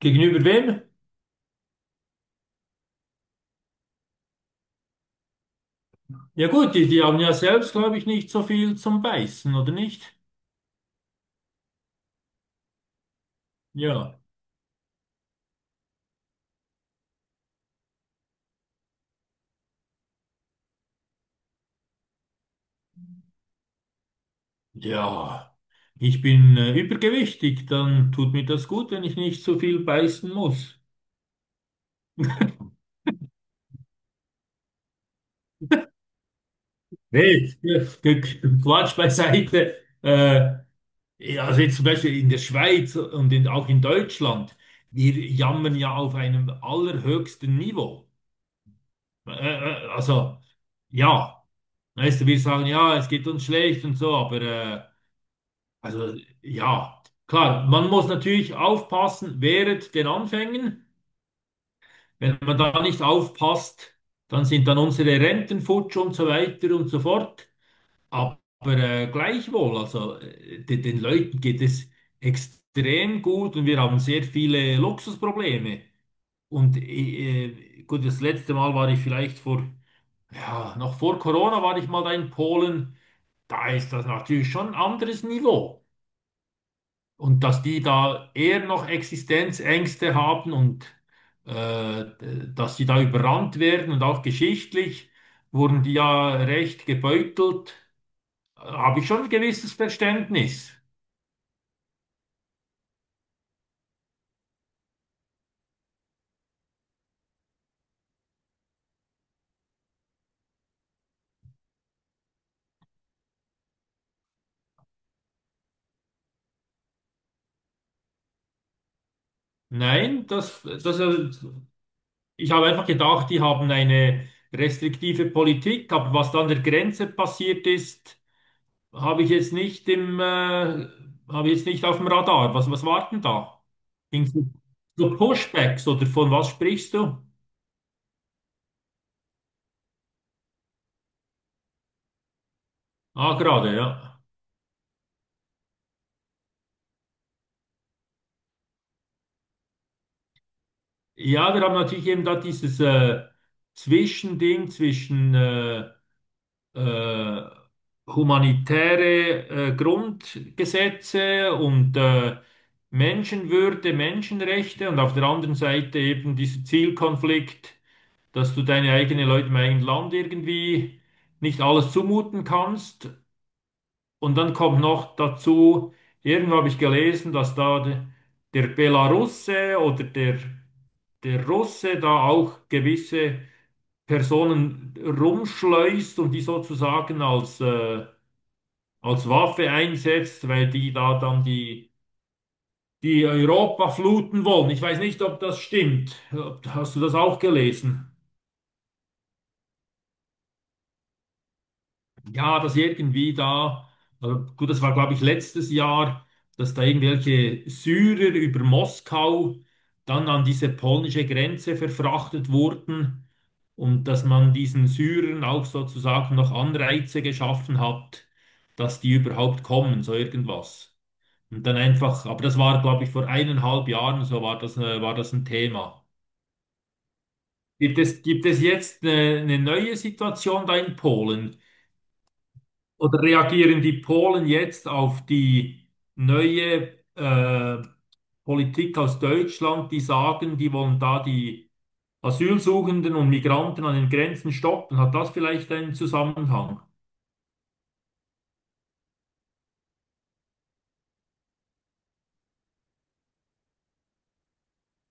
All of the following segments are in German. Gegenüber wem? Ja gut, die haben ja selbst, glaube ich, nicht so viel zum Beißen, oder nicht? Ja. Ja. Ich bin übergewichtig, dann tut mir das gut, wenn ich nicht so viel beißen muss. Nee, ja, Quatsch beiseite. Äh, ja, also jetzt zum Beispiel in der Schweiz und auch in Deutschland, wir jammern ja auf einem allerhöchsten Niveau. Also, ja, weißt du, wir sagen, ja, es geht uns schlecht und so, aber also ja, klar, man muss natürlich aufpassen während den Anfängen. Wenn man da nicht aufpasst, dann sind dann unsere Renten futsch und so weiter und so fort. Aber gleichwohl, also den Leuten geht es extrem gut und wir haben sehr viele Luxusprobleme. Und gut, das letzte Mal war ich vielleicht noch vor Corona war ich mal da in Polen. Da ist das natürlich schon ein anderes Niveau. Und dass die da eher noch Existenzängste haben und äh, dass die da überrannt werden und auch geschichtlich wurden die ja recht gebeutelt, habe ich schon ein gewisses Verständnis. Nein, ich habe einfach gedacht, die haben eine restriktive Politik, aber was da an der Grenze passiert ist, habe ich jetzt nicht habe ich jetzt nicht auf dem Radar. Was, was war denn da? Ging's um so Pushbacks oder von was sprichst du? Ah, gerade, ja. Ja, wir haben natürlich eben da dieses Zwischending zwischen äh, humanitäre Grundgesetze und Menschenwürde, Menschenrechte und auf der anderen Seite eben dieser Zielkonflikt, dass du deine eigenen Leute im eigenen Land irgendwie nicht alles zumuten kannst. Und dann kommt noch dazu, irgendwo habe ich gelesen, dass da der Belarusse oder der Russe da auch gewisse Personen rumschleust und die sozusagen als als Waffe einsetzt, weil die da dann die Europa fluten wollen. Ich weiß nicht, ob das stimmt. Hast du das auch gelesen? Ja, dass irgendwie da, also gut, das war glaube ich letztes Jahr, dass da irgendwelche Syrer über Moskau dann an diese polnische Grenze verfrachtet wurden und dass man diesen Syrern auch sozusagen noch Anreize geschaffen hat, dass die überhaupt kommen, so irgendwas. Und dann einfach, aber das war glaube ich vor eineinhalb Jahren, so war das, war das ein Thema. Gibt es jetzt eine neue Situation da in Polen? Oder reagieren die Polen jetzt auf die neue Politik aus Deutschland, die sagen, die wollen da die Asylsuchenden und Migranten an den Grenzen stoppen? Hat das vielleicht einen Zusammenhang?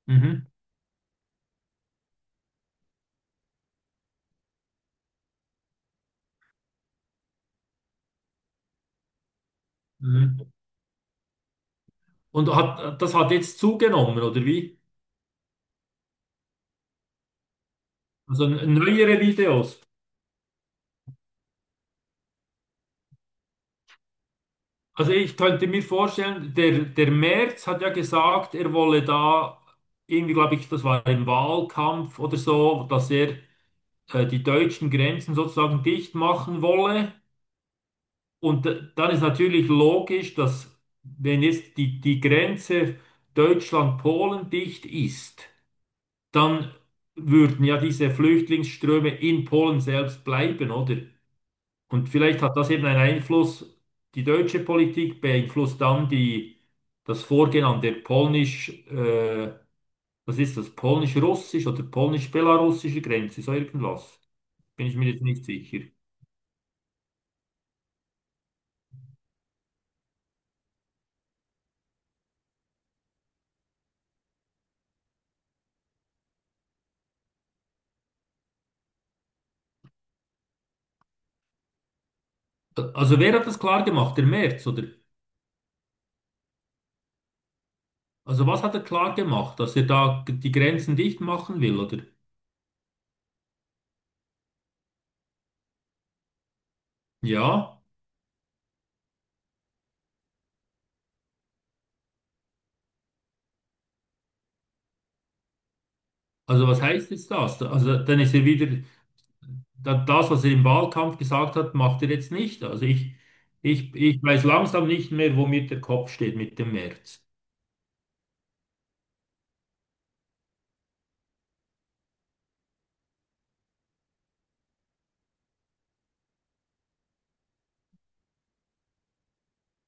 Mhm. Mhm. Und hat, das hat jetzt zugenommen, oder wie? Also neuere Videos. Also ich könnte mir vorstellen, der Merz hat ja gesagt, er wolle da irgendwie, glaube ich, das war im Wahlkampf oder so, dass er die deutschen Grenzen sozusagen dicht machen wolle. Und dann ist natürlich logisch, dass wenn jetzt die Grenze Deutschland-Polen dicht ist, dann würden ja diese Flüchtlingsströme in Polen selbst bleiben, oder? Und vielleicht hat das eben einen Einfluss, die deutsche Politik beeinflusst dann das Vorgehen an der was ist das, polnisch-russisch oder polnisch-belarussische Grenze, so irgendwas. Bin ich mir jetzt nicht sicher. Also wer hat das klar gemacht? Der Merz, oder? Also was hat er klar gemacht, dass er da die Grenzen dicht machen will, oder? Ja, also was heißt jetzt das? Also dann ist er wieder, das, was er im Wahlkampf gesagt hat, macht er jetzt nicht. Also ich weiß langsam nicht mehr, wo mir der Kopf steht mit dem Merz.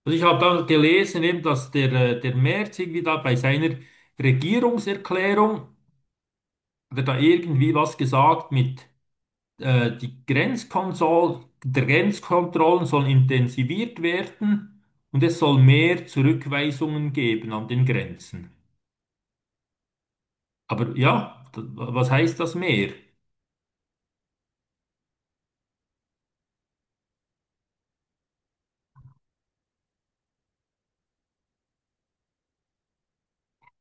Also ich habe da gelesen, eben, dass der Merz irgendwie da bei seiner Regierungserklärung, hat er da irgendwie was gesagt mit die Grenzkonsol der Grenzkontrollen sollen intensiviert werden und es soll mehr Zurückweisungen geben an den Grenzen. Aber ja, was heißt das mehr? Ja,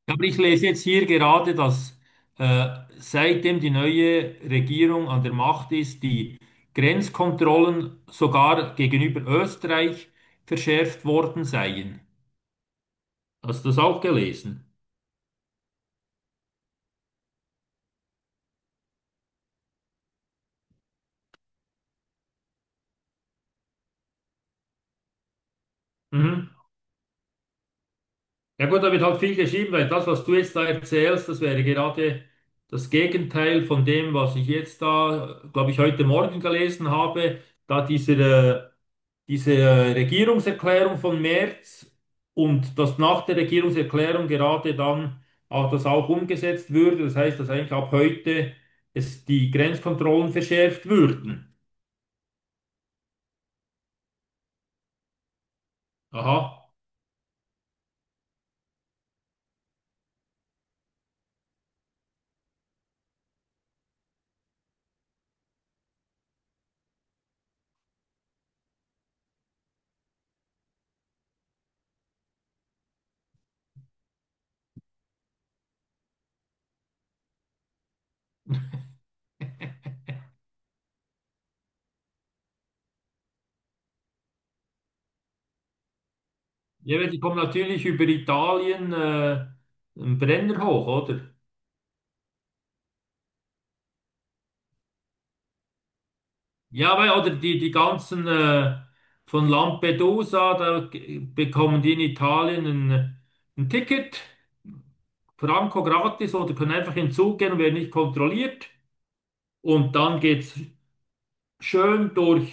aber ich lese jetzt hier gerade, dass äh, seitdem die neue Regierung an der Macht ist, die Grenzkontrollen sogar gegenüber Österreich verschärft worden seien. Hast du das auch gelesen? Mhm. Ja gut, da wird halt viel geschrieben, weil das, was du jetzt da erzählst, das wäre gerade das Gegenteil von dem, was ich jetzt da, glaube ich, heute Morgen gelesen habe, da diese Regierungserklärung von März und dass nach der Regierungserklärung gerade dann auch das auch umgesetzt würde. Das heißt, dass eigentlich ab heute es die Grenzkontrollen verschärft würden. Aha. Ja, die kommen natürlich über Italien, einen Brenner hoch, oder? Ja, weil, oder die ganzen von Lampedusa, da bekommen die in Italien ein Ticket, Franco gratis, oder können einfach in den Zug gehen und werden nicht kontrolliert. Und dann geht's schön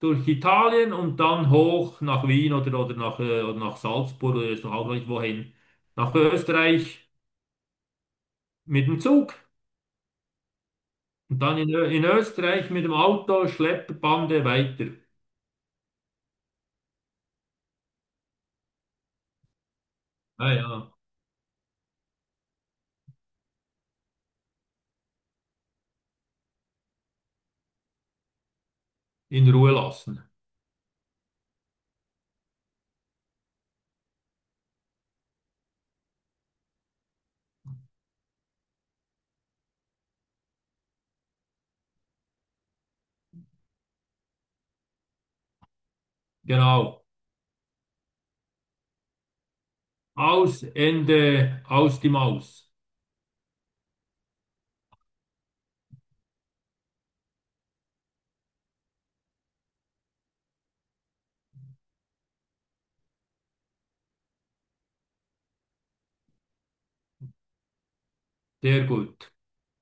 durch Italien und dann hoch nach Wien oder nach, oder nach Salzburg oder ist auch nicht wohin. Nach Österreich mit dem Zug und dann Ö- in Österreich mit dem Auto, Schlepperbande weiter. Naja, in Ruhe lassen. Genau. Aus, Ende, aus die Maus. Sehr gut.